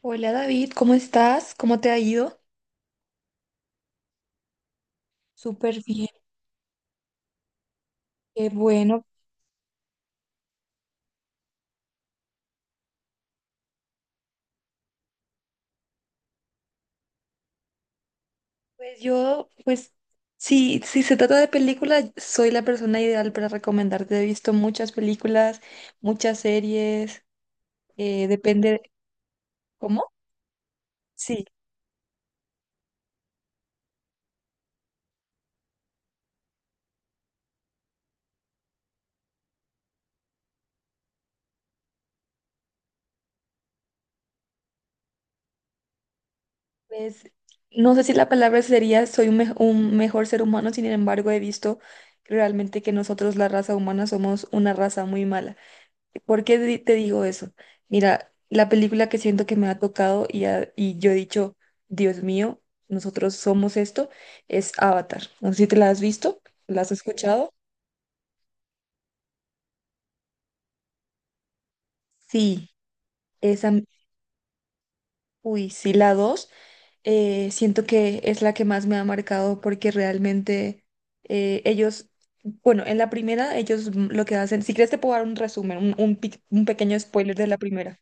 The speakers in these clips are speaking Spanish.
Hola David, ¿cómo estás? ¿Cómo te ha ido? Súper bien, qué bueno. Pues yo, pues sí, si se trata de películas, soy la persona ideal para recomendarte. He visto muchas películas, muchas series, depende, ¿cómo? Sí, pues no sé si la palabra sería un mejor ser humano, sin embargo he visto realmente que nosotros, la raza humana, somos una raza muy mala. ¿Por qué te digo eso? Mira, la película que siento que me ha tocado y yo he dicho, Dios mío, nosotros somos esto, es Avatar. No sé si te la has visto, ¿la has escuchado? Sí, esa, m- uy, sí, la 2, siento que es la que más me ha marcado porque realmente eh, ellos, bueno, en la primera ellos lo que hacen, si quieres te puedo dar un resumen, un pequeño spoiler de la primera.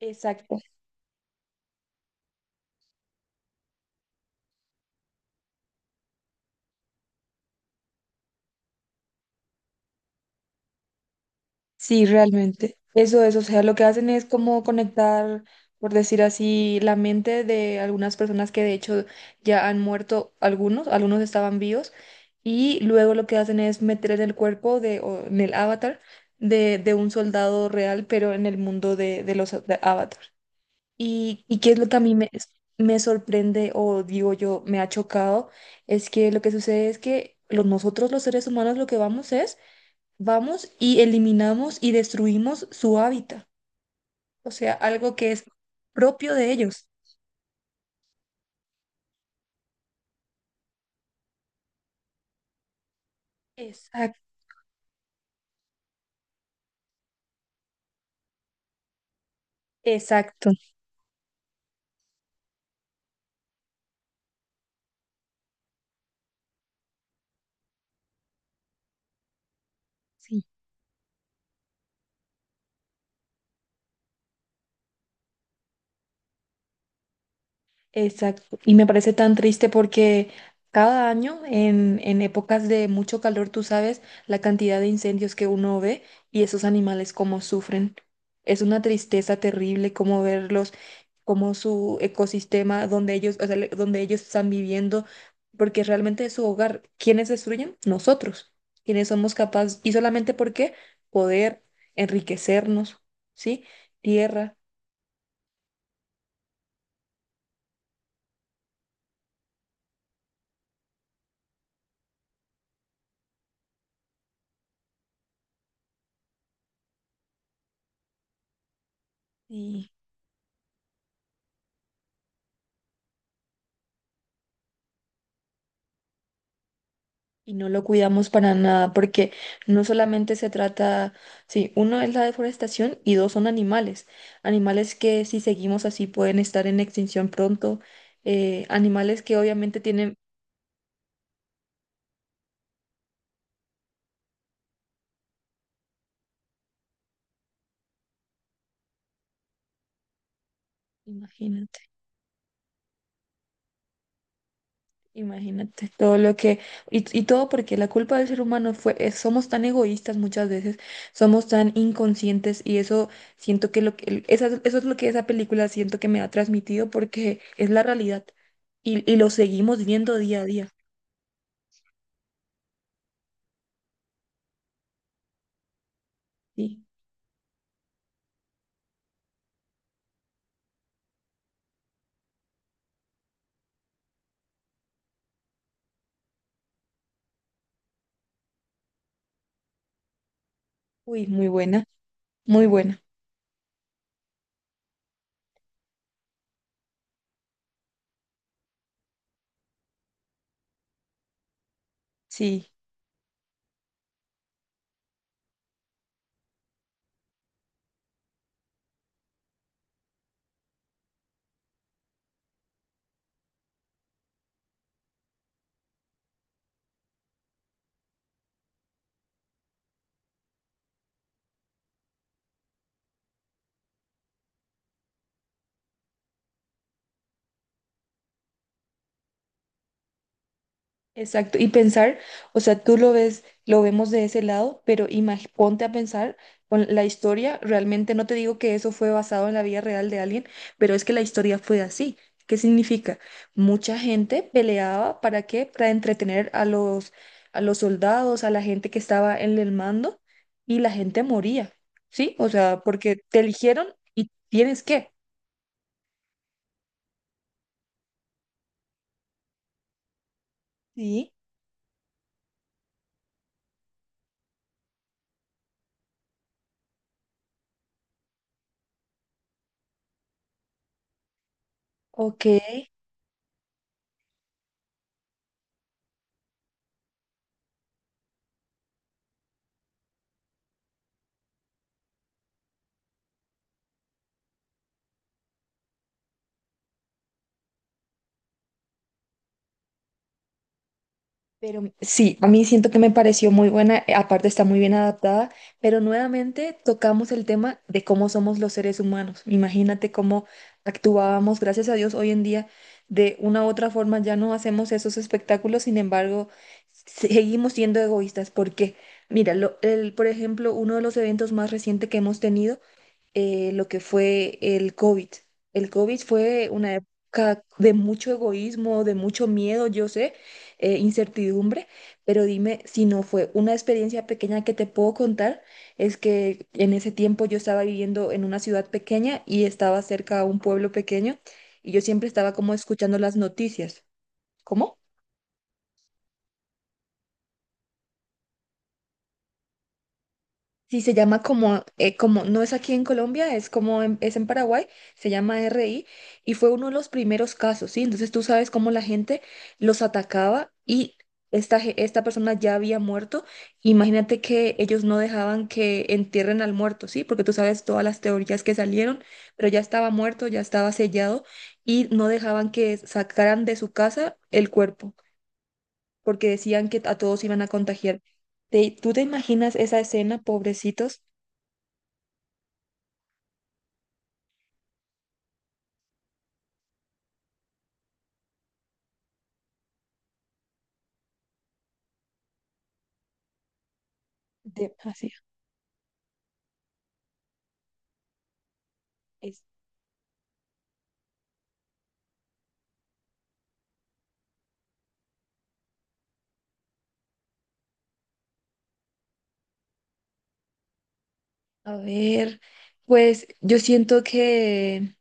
Exacto. Sí, realmente. Eso es, o sea, lo que hacen es como conectar, por decir así, la mente de algunas personas que de hecho ya han muerto, algunos estaban vivos, y luego lo que hacen es meter en el cuerpo de, o en el avatar de un soldado real, pero en el mundo de los de avatar. Y qué es lo que a mí me sorprende o digo yo, me ha chocado, es que lo que sucede es que nosotros los seres humanos lo que vamos es vamos y eliminamos y destruimos su hábitat, o sea, algo que es propio de ellos. Exacto. Exacto. Sí. Exacto. Y me parece tan triste porque cada año, en épocas de mucho calor, tú sabes la cantidad de incendios que uno ve y esos animales cómo sufren. Es una tristeza terrible como verlos, como su ecosistema donde ellos, o sea, donde ellos están viviendo, porque realmente es su hogar. ¿Quiénes destruyen? Nosotros. ¿Quiénes somos capaces? Y solamente porque poder enriquecernos, ¿sí? Tierra. Y no lo cuidamos para nada, porque no solamente se trata, sí, uno es la deforestación y dos son animales. Animales que si seguimos así pueden estar en extinción pronto. Eh, animales que obviamente tienen, imagínate, imagínate, todo lo que, y todo porque la culpa del ser humano somos tan egoístas muchas veces, somos tan inconscientes y eso siento que lo que, eso es lo que esa película siento que me ha transmitido porque es la realidad y lo seguimos viendo día a día. Sí, uy, muy buena, sí, exacto. Y pensar, o sea, tú lo ves, lo vemos de ese lado, pero ponte a pensar con la historia, realmente no te digo que eso fue basado en la vida real de alguien, pero es que la historia fue así. ¿Qué significa? Mucha gente peleaba, ¿para qué? Para entretener a a los soldados, a la gente que estaba en el mando, y la gente moría, ¿sí? O sea, porque te eligieron y tienes que, ¿sí? Ok. Pero sí, a mí siento que me pareció muy buena, aparte está muy bien adaptada, pero nuevamente tocamos el tema de cómo somos los seres humanos. Imagínate cómo actuábamos, gracias a Dios, hoy en día de una u otra forma ya no hacemos esos espectáculos, sin embargo, seguimos siendo egoístas. ¿Por qué? Mira, por ejemplo, uno de los eventos más recientes que hemos tenido lo que fue el COVID. El COVID fue una época de mucho egoísmo, de mucho miedo, yo sé, incertidumbre, pero dime si no fue una experiencia pequeña que te puedo contar, es que en ese tiempo yo estaba viviendo en una ciudad pequeña y estaba cerca a un pueblo pequeño y yo siempre estaba como escuchando las noticias. ¿Cómo? Sí, se llama como, como no es aquí en Colombia, es en Paraguay, se llama RI y fue uno de los primeros casos, ¿sí? Entonces tú sabes cómo la gente los atacaba y esta persona ya había muerto. Imagínate que ellos no dejaban que entierren al muerto, ¿sí? Porque tú sabes todas las teorías que salieron, pero ya estaba muerto, ya estaba sellado y no dejaban que sacaran de su casa el cuerpo porque decían que a todos iban a contagiar. ¿Tú te imaginas esa escena, pobrecitos? Demasiado. Es- A ver, pues yo siento que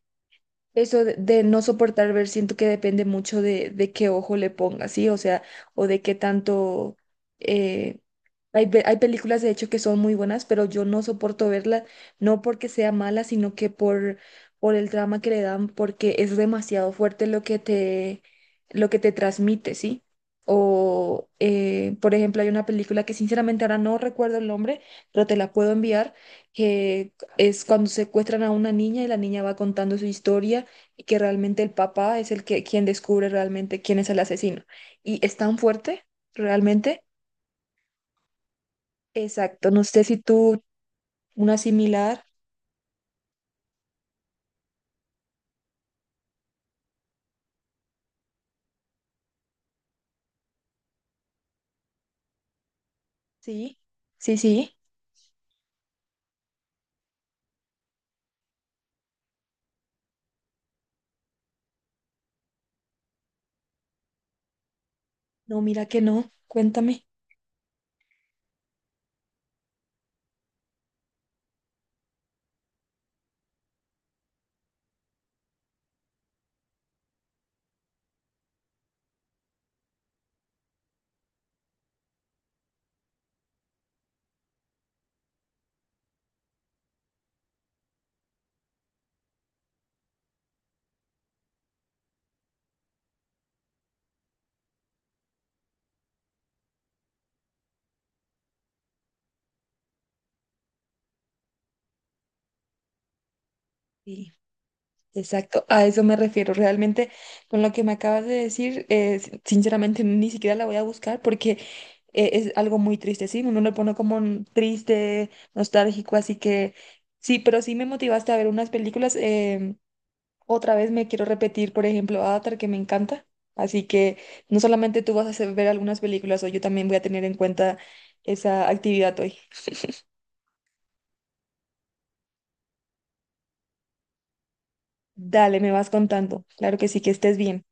eso de no soportar ver, siento que depende mucho de qué ojo le pongas, ¿sí? O sea, o de qué tanto... eh, hay películas, de hecho, que son muy buenas, pero yo no soporto verlas, no porque sea mala, sino por el drama que le dan, porque es demasiado fuerte lo que te transmite, ¿sí? O, por ejemplo, hay una película que sinceramente ahora no recuerdo el nombre, pero te la puedo enviar, que es cuando secuestran a una niña y la niña va contando su historia y que realmente el papá es el que quien descubre realmente quién es el asesino. Y es tan fuerte, realmente. Exacto, no sé si tú una similar. Sí, sí, sí. No, mira que no. Cuéntame. Sí, exacto. A eso me refiero. Realmente con lo que me acabas de decir, sinceramente ni siquiera la voy a buscar porque es algo muy triste, ¿sí? Uno lo pone como un triste, nostálgico, así que sí, pero sí me motivaste a ver unas películas. Otra vez me quiero repetir, por ejemplo, Avatar, que me encanta. Así que no solamente tú vas a hacer ver algunas películas, hoy yo también voy a tener en cuenta esa actividad hoy. Dale, me vas contando. Claro que sí, que estés bien.